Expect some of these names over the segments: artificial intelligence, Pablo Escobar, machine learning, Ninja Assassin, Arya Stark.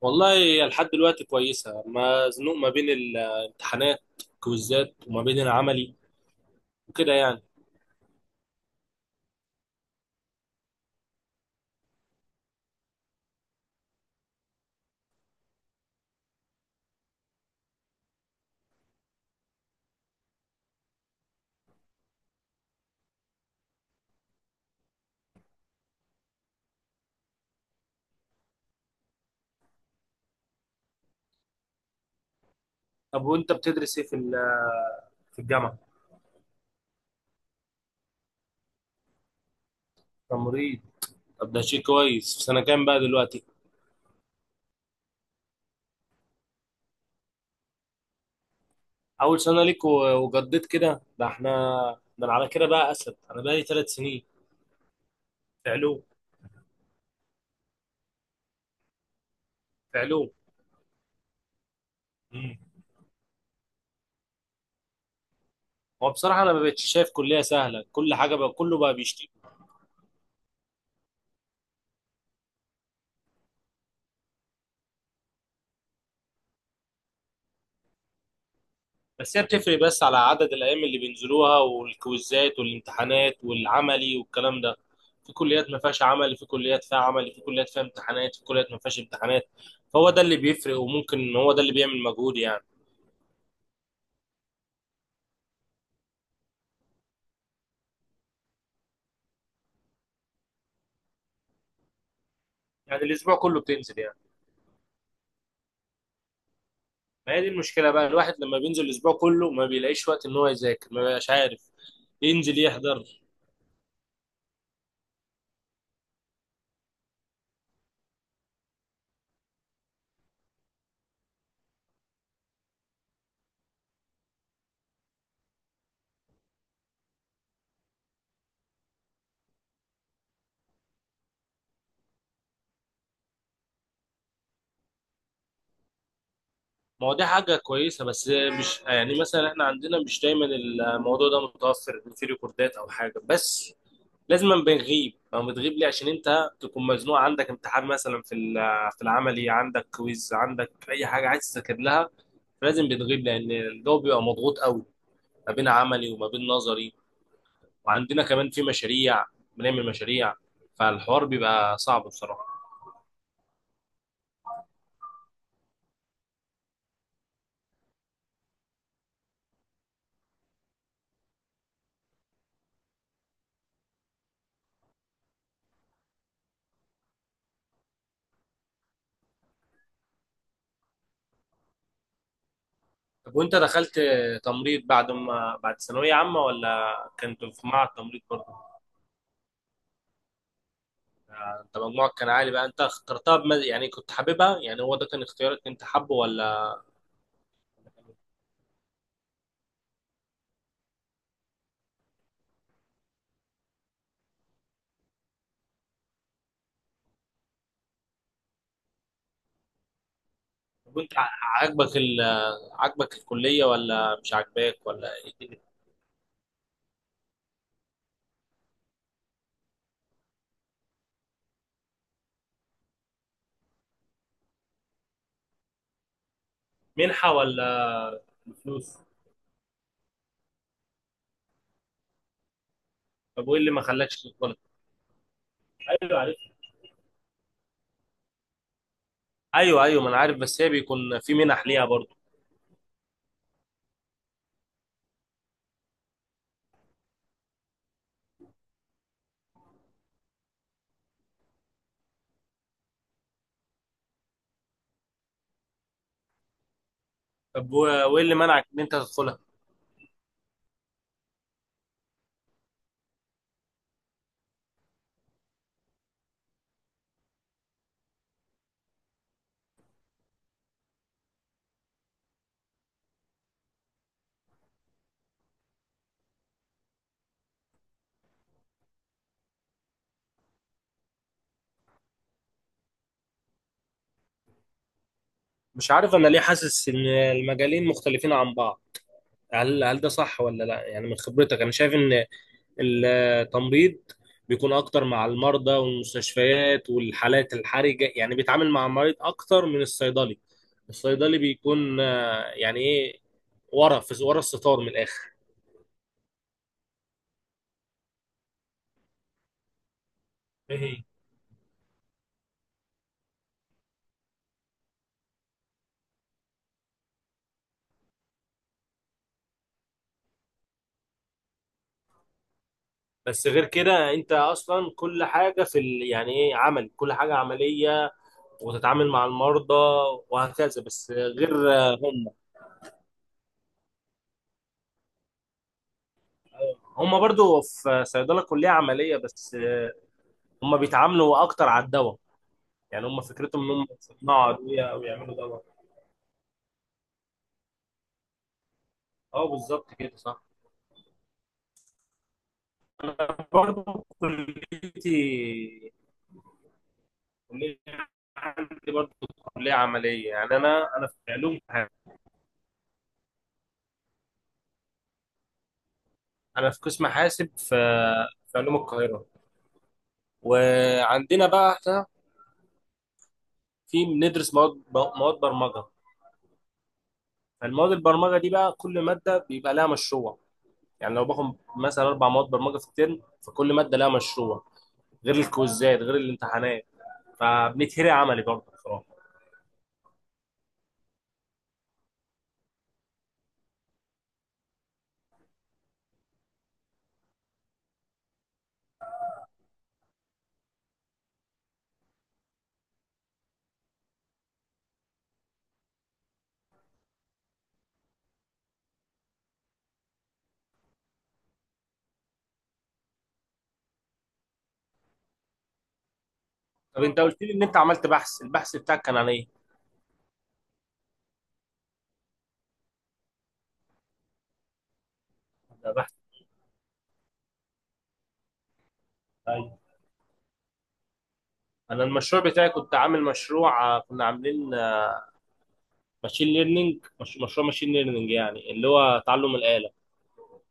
والله لحد دلوقتي كويسة، مزنوق ما بين الامتحانات، كويزات، وما بين العملي وكده يعني. طب وانت بتدرس ايه في الجامعة؟ تمريض. طب ده شيء كويس. في سنة كام بقى دلوقتي؟ أول سنة ليك وجديت كده. ده احنا، ده أنا على كده بقى أسد، أنا بقى لي 3 سنين. في علوم. في علوم. مم. هو بصراحة أنا ما بقتش شايف كلية سهلة، كل حاجة بقى كله بقى بيشتكي. بس هي بتفرق بس على عدد الايام اللي بينزلوها والكويزات والامتحانات والعملي والكلام ده. في كليات ما فيهاش عمل، في كليات فيها عمل، في كليات فيها امتحانات، في كليات ما فيهاش امتحانات. فهو ده اللي بيفرق، وممكن هو ده اللي بيعمل مجهود يعني. يعني الاسبوع كله بتنزل يعني. ما هي دي المشكله بقى، الواحد لما بينزل الاسبوع كله ما بيلاقيش وقت ان هو يذاكر، ما بيبقاش عارف ينزل يحضر. ما هو دي حاجه كويسه، بس مش يعني مثلا احنا عندنا مش دايما الموضوع ده متوفر في ريكوردات او حاجه. بس لازم بنغيب او بتغيب ليه، عشان انت تكون مزنوق، عندك امتحان مثلا في العملي، عندك كويز، عندك اي حاجه عايز تذاكر لها. لازم بتغيب لان الجو بيبقى مضغوط قوي، ما بين عملي وما بين نظري. وعندنا كمان في مشاريع، بنعمل مشاريع. فالحوار بيبقى صعب بصراحه. طب وانت دخلت تمريض بعد ما بعد ثانويه عامه ولا كنت في معهد تمريض برضه؟ انت مجموعك كان عالي بقى، انت اخترتها يعني كنت حاببها، يعني هو ده كان اختيارك، انت حابه ولا؟ طب وانت عاجبك عاجبك الكلية ولا مش عاجباك ولا ايه الدنيا؟ منحة ولا فلوس؟ طب وايه اللي ما خلاكش تتقبل؟ ايوه عارف. ايوه، ايوه، ما انا عارف، بس هي بيكون في منح ليها برضه. طب و- وايه اللي منعك ان انت تدخلها؟ مش عارف انا ليه حاسس ان المجالين مختلفين عن بعض. هل ده صح ولا لا؟ يعني من خبرتك انا شايف ان التمريض بيكون اكتر مع المرضى والمستشفيات والحالات الحرجه، يعني بيتعامل مع المريض اكتر من الصيدلي. الصيدلي بيكون يعني ايه، ورا، في ورا الستار من الاخر. إيه. بس غير كده انت اصلا كل حاجه في ال... يعني ايه عمل، كل حاجه عمليه وتتعامل مع المرضى وهكذا، بس غير هم. هم برضو في صيدله كليه عمليه، بس هم بيتعاملوا اكتر على الدواء، يعني هم فكرتهم ان هم يصنعوا ادويه او يعملوا دواء. اه بالظبط كده صح. انا برضه كلية عندي برضه كليه عمليه يعني، انا في علوم حاسب. انا في قسم حاسب في علوم القاهره. وعندنا بقى احنا في بندرس مواد برمجه. فالمواد البرمجه دي بقى كل ماده بيبقى لها مشروع. يعني لو باخد مثلا 4 مواد برمجه في الترم، فكل ماده لها مشروع، غير الكويزات غير الامتحانات. فبنتهري عملي برضه بصراحه. طب انت قلت لي ان انت عملت بحث، البحث بتاعك كان عن ايه؟ ايوه. انا المشروع بتاعي كنت عامل مشروع، كنا عاملين ماشين ليرنينج. مش مشروع ماشين ليرنينج، يعني اللي هو تعلم الآلة.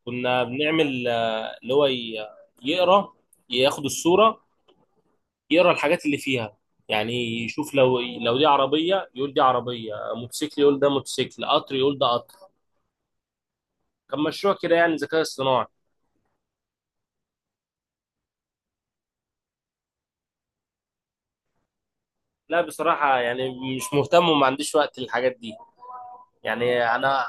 كنا بنعمل اللي هو يقرا، ياخد الصورة، يقرا الحاجات اللي فيها يعني. يشوف لو دي عربية يقول دي عربية، موتوسيكل يقول ده موتوسيكل، قطر يقول ده قطر. كان مشروع كده يعني ذكاء اصطناعي. لا بصراحة يعني مش مهتم وما عنديش وقت للحاجات دي. يعني انا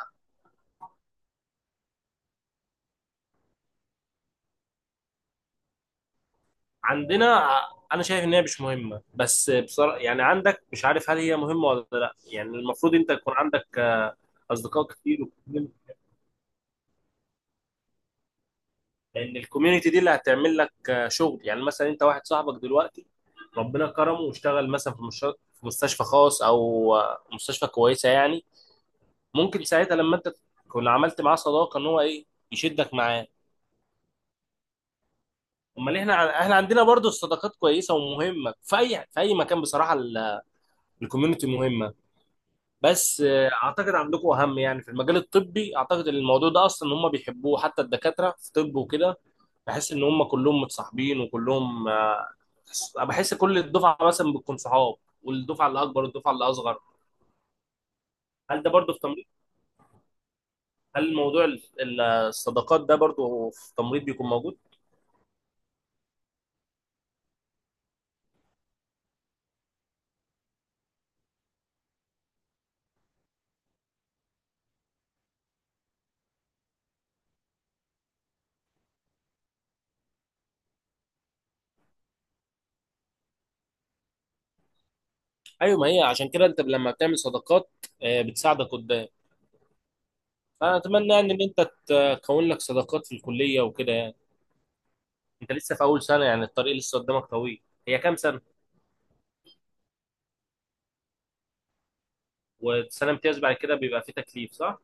عندنا انا شايف ان هي مش مهمه، بس بصراحه يعني عندك مش عارف هل هي مهمه ولا لا. يعني المفروض انت يكون عندك اصدقاء كتير وكتير، لان الكوميونتي دي اللي هتعمل لك شغل. يعني مثلا انت واحد صاحبك دلوقتي ربنا كرمه واشتغل مثلا في مش- في مستشفى خاص او مستشفى كويسه يعني، ممكن ساعتها لما انت تكون عملت معاه صداقه ان هو ايه، يشدك معاه. امال احنا احنا عندنا برضو الصداقات كويسه ومهمه في اي في اي مكان بصراحه. الكوميونتي مهمه، بس اعتقد عندكم اهم يعني، في المجال الطبي اعتقد ان الموضوع ده اصلا هم بيحبوه حتى الدكاتره في طب وكده. بحس ان هم كلهم متصاحبين وكلهم بحس كل الدفعه مثلا بتكون صحاب، والدفعه اللي اكبر والدفعه اللي اصغر. هل ده برضو في تمريض؟ هل موضوع الصداقات ده برضو في تمريض بيكون موجود؟ ايوه ما هي عشان كده انت لما بتعمل صداقات بتساعدك قدام. فانا اتمنى يعني ان انت تكون لك صداقات في الكليه وكده يعني. انت لسه في اول سنه يعني، الطريق لسه قدامك طويل. هي كام سنه؟ وسنه امتياز بعد كده بيبقى فيه تكليف صح؟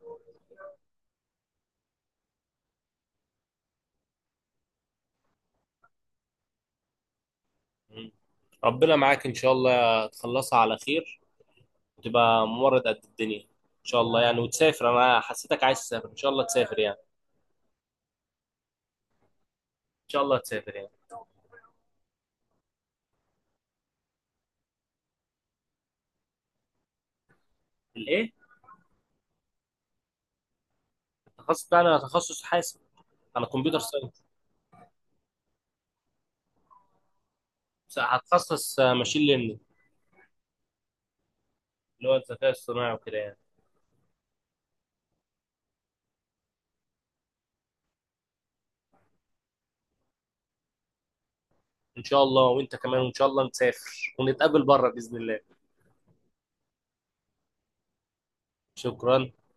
مم. ربنا معاك ان شاء الله تخلصها على خير وتبقى ممرض قد الدنيا. ان شاء الله يعني، وتسافر. انا حسيتك عايز تسافر، ان شاء الله تسافر يعني. ان شاء الله تسافر يعني. الايه؟ التخصص بتاعي انا تخصص حاسب. انا كمبيوتر ساينس. هتخصص ماشين ليرنينج، اللي هو الذكاء الصناعي وكده يعني. ان شاء الله وانت كمان، وان شاء الله نسافر ونتقابل بره باذن الله. شكرا.